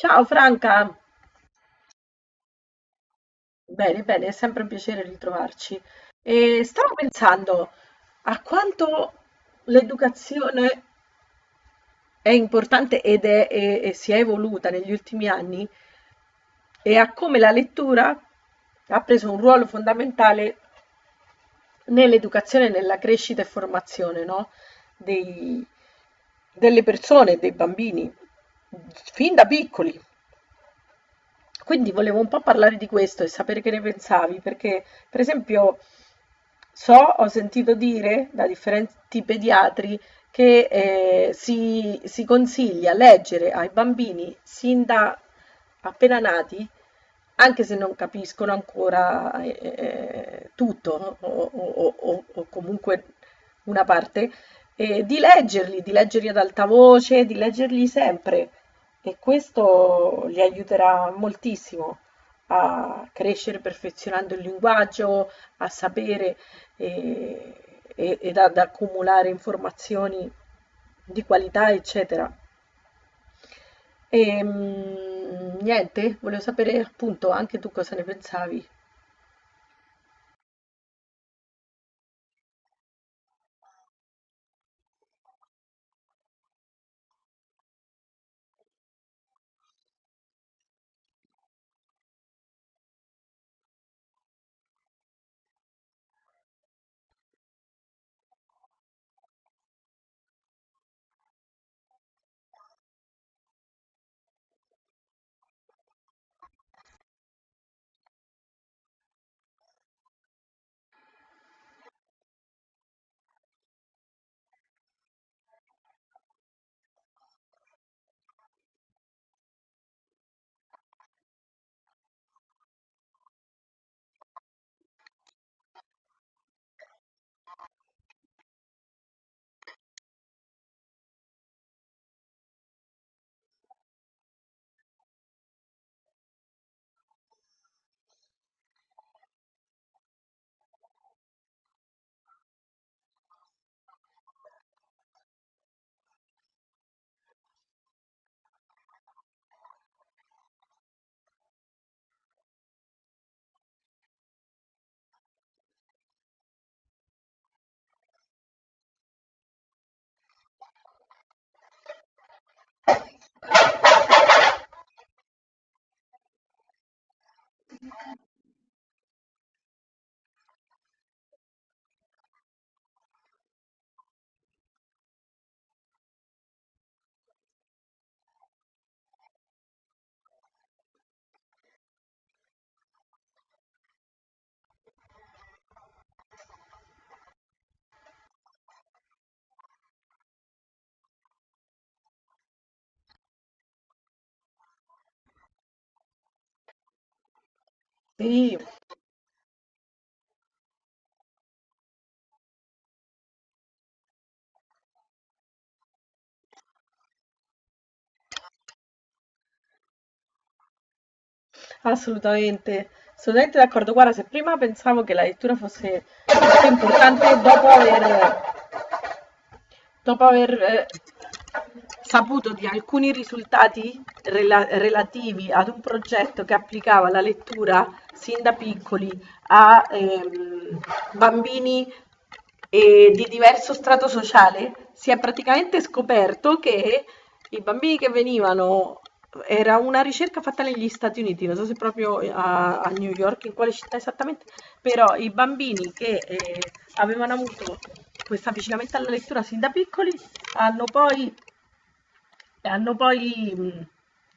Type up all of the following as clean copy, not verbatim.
Ciao Franca, bene, bene, è sempre un piacere ritrovarci. E stavo pensando a quanto l'educazione è importante e si è evoluta negli ultimi anni e a come la lettura ha preso un ruolo fondamentale nell'educazione, e nella crescita e formazione, no? dei- delle persone, dei bambini, fin da piccoli. Quindi volevo un po' parlare di questo e sapere che ne pensavi, perché per esempio so, ho sentito dire da differenti pediatri che si consiglia leggere ai bambini sin da appena nati anche se non capiscono ancora, tutto no? O comunque una parte, di leggerli ad alta voce, di leggerli sempre e questo li aiuterà moltissimo a crescere perfezionando il linguaggio, a sapere, ehm, e ed ad accumulare informazioni di qualità, eccetera. Niente, volevo sapere appunto anche tu cosa ne pensavi. Sì, assolutamente, assolutamente d'accordo. Guarda, se prima pensavo che la lettura fosse importante dopo aver saputo di alcuni risultati relativi ad un progetto che applicava la lettura sin da piccoli a bambini di diverso strato sociale, si è praticamente scoperto che i bambini che venivano, era una ricerca fatta negli Stati Uniti, non so se proprio a New York, in quale città esattamente, però i bambini che avevano avuto questo avvicinamento alla lettura sin da piccoli hanno poi, hanno poi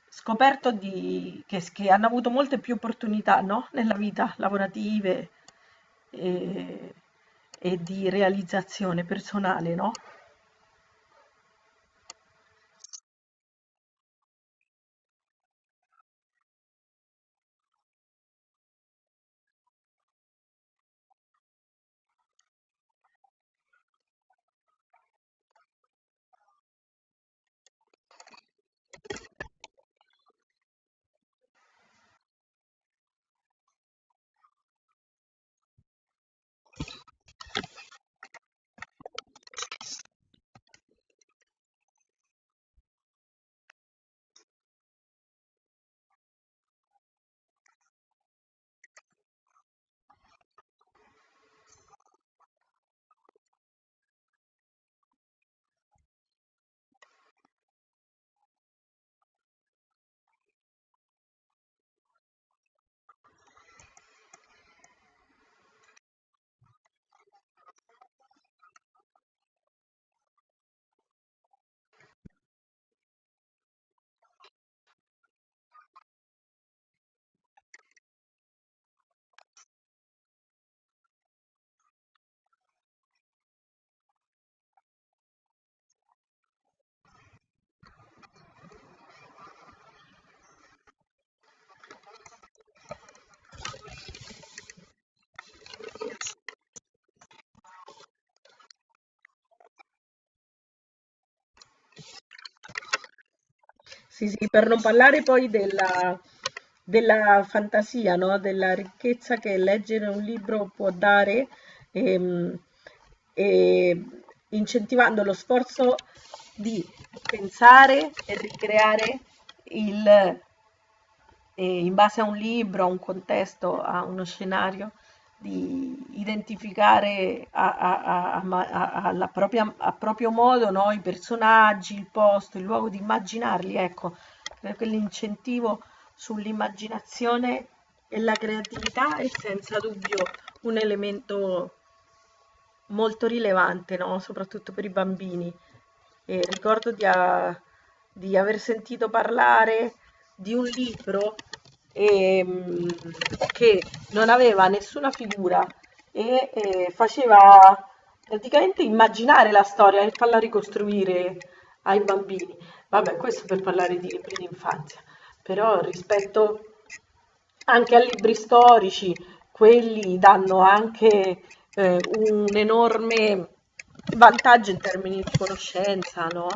scoperto che hanno avuto molte più opportunità, no? Nella vita lavorative e, e di realizzazione personale, no? Sì, sì, per non parlare della fantasia, no? Della ricchezza che leggere un libro può dare, ehm, e incentivando lo sforzo di pensare e ricreare il, in base a un libro, a un contesto, a uno scenario, di identificare a proprio modo, no, i personaggi, il posto, il luogo, di immaginarli, ecco, per quell'incentivo sull'immaginazione e la creatività è senza dubbio un elemento molto rilevante, no? Soprattutto per i bambini. E ricordo di aver sentito parlare di un libro ehm, che non aveva nessuna figura e faceva praticamente immaginare la storia e farla ricostruire ai bambini. Vabbè, questo per parlare di libri d'infanzia, però rispetto anche a libri storici, quelli danno anche un enorme vantaggio in termini di conoscenza, no?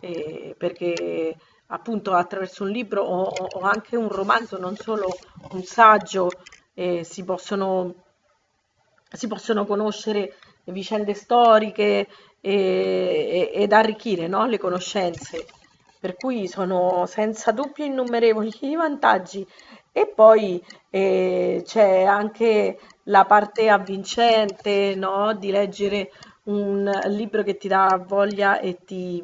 Perché appunto attraverso un libro o anche un romanzo, non solo un saggio, eh, si possono si possono conoscere vicende storiche ed arricchire, no, le conoscenze. Per cui sono senza dubbio innumerevoli i vantaggi. E poi c'è anche la parte avvincente, no, di leggere un libro che ti dà voglia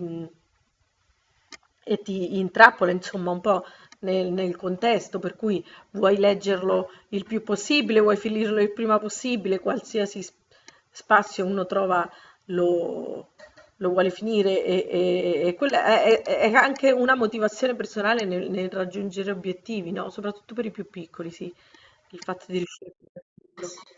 e ti intrappola insomma un po' nel contesto, per cui vuoi leggerlo il più possibile, vuoi finirlo il prima possibile, qualsiasi spazio uno trova lo, lo vuole finire e quella è anche una motivazione personale nel raggiungere obiettivi, no? Soprattutto per i più piccoli, sì, il fatto di riuscire a finire il libro.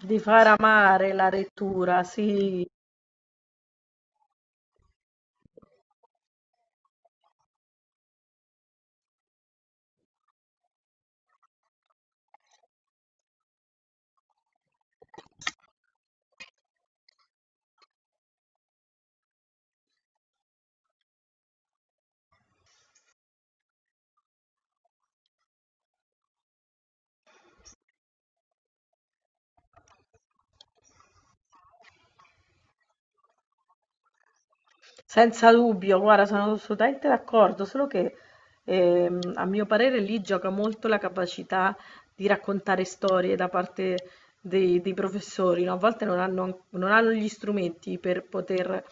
Di far amare la lettura, sì. Senza dubbio, guarda, sono assolutamente d'accordo, solo che a mio parere lì gioca molto la capacità di raccontare storie da parte dei professori, no? A volte non hanno gli strumenti per poter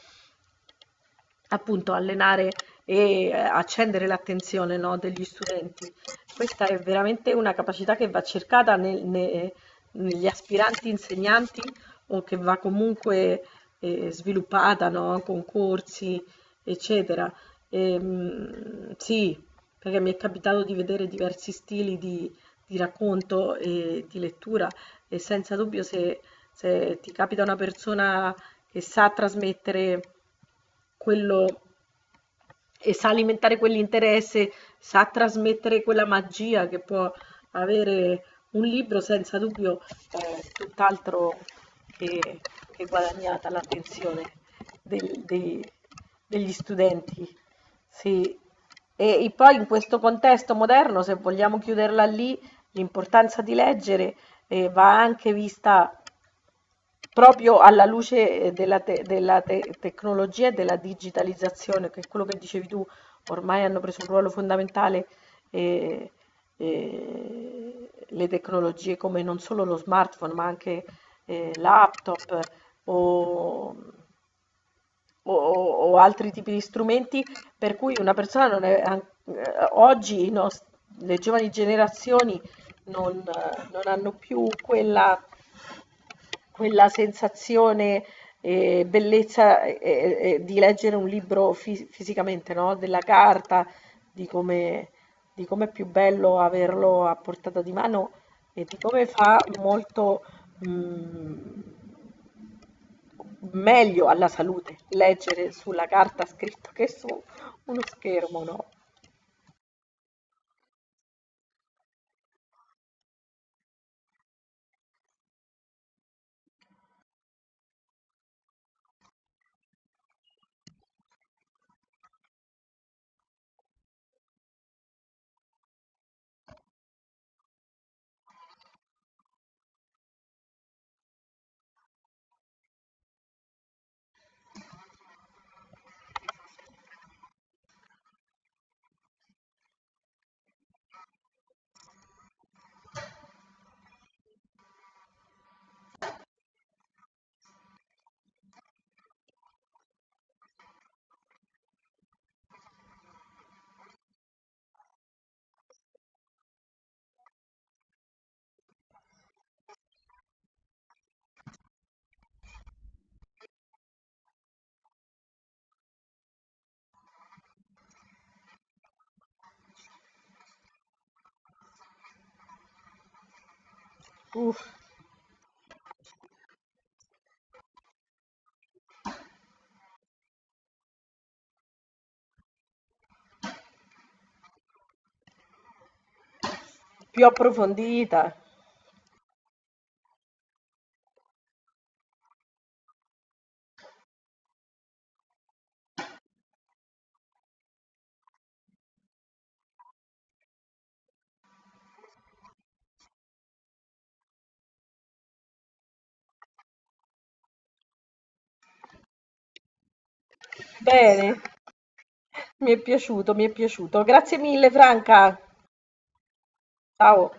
appunto allenare e accendere l'attenzione, no, degli studenti. Questa è veramente una capacità che va cercata negli aspiranti insegnanti o che va comunque sviluppata, no, con corsi, eccetera. Sì, perché mi è capitato di vedere diversi stili di racconto e di lettura e senza dubbio se ti capita una persona che sa trasmettere quello e sa alimentare quell'interesse, sa trasmettere quella magia che può avere un libro, senza dubbio è tutt'altro che, che guadagnata l'attenzione del- dei- degli studenti. Sì. E poi in questo contesto moderno, se vogliamo chiuderla lì, l'importanza di leggere va anche vista proprio alla luce tecnologia e della digitalizzazione, che è quello che dicevi tu, ormai hanno preso un ruolo fondamentale eh, le tecnologie come non solo lo smartphone, ma anche laptop o, o altri tipi di strumenti, per cui una persona non è, an- oggi i nos- le giovani generazioni non, non hanno più quella sensazione e bellezza, di leggere un libro fi fisicamente, no, della carta, di come di com'è più bello averlo a portata di mano e di come fa molto, mhmm, meglio alla salute leggere sulla carta scritto che su uno schermo, no? Uff, più approfondita. Bene, mi è piaciuto, mi è piaciuto. Grazie mille Franca. Ciao.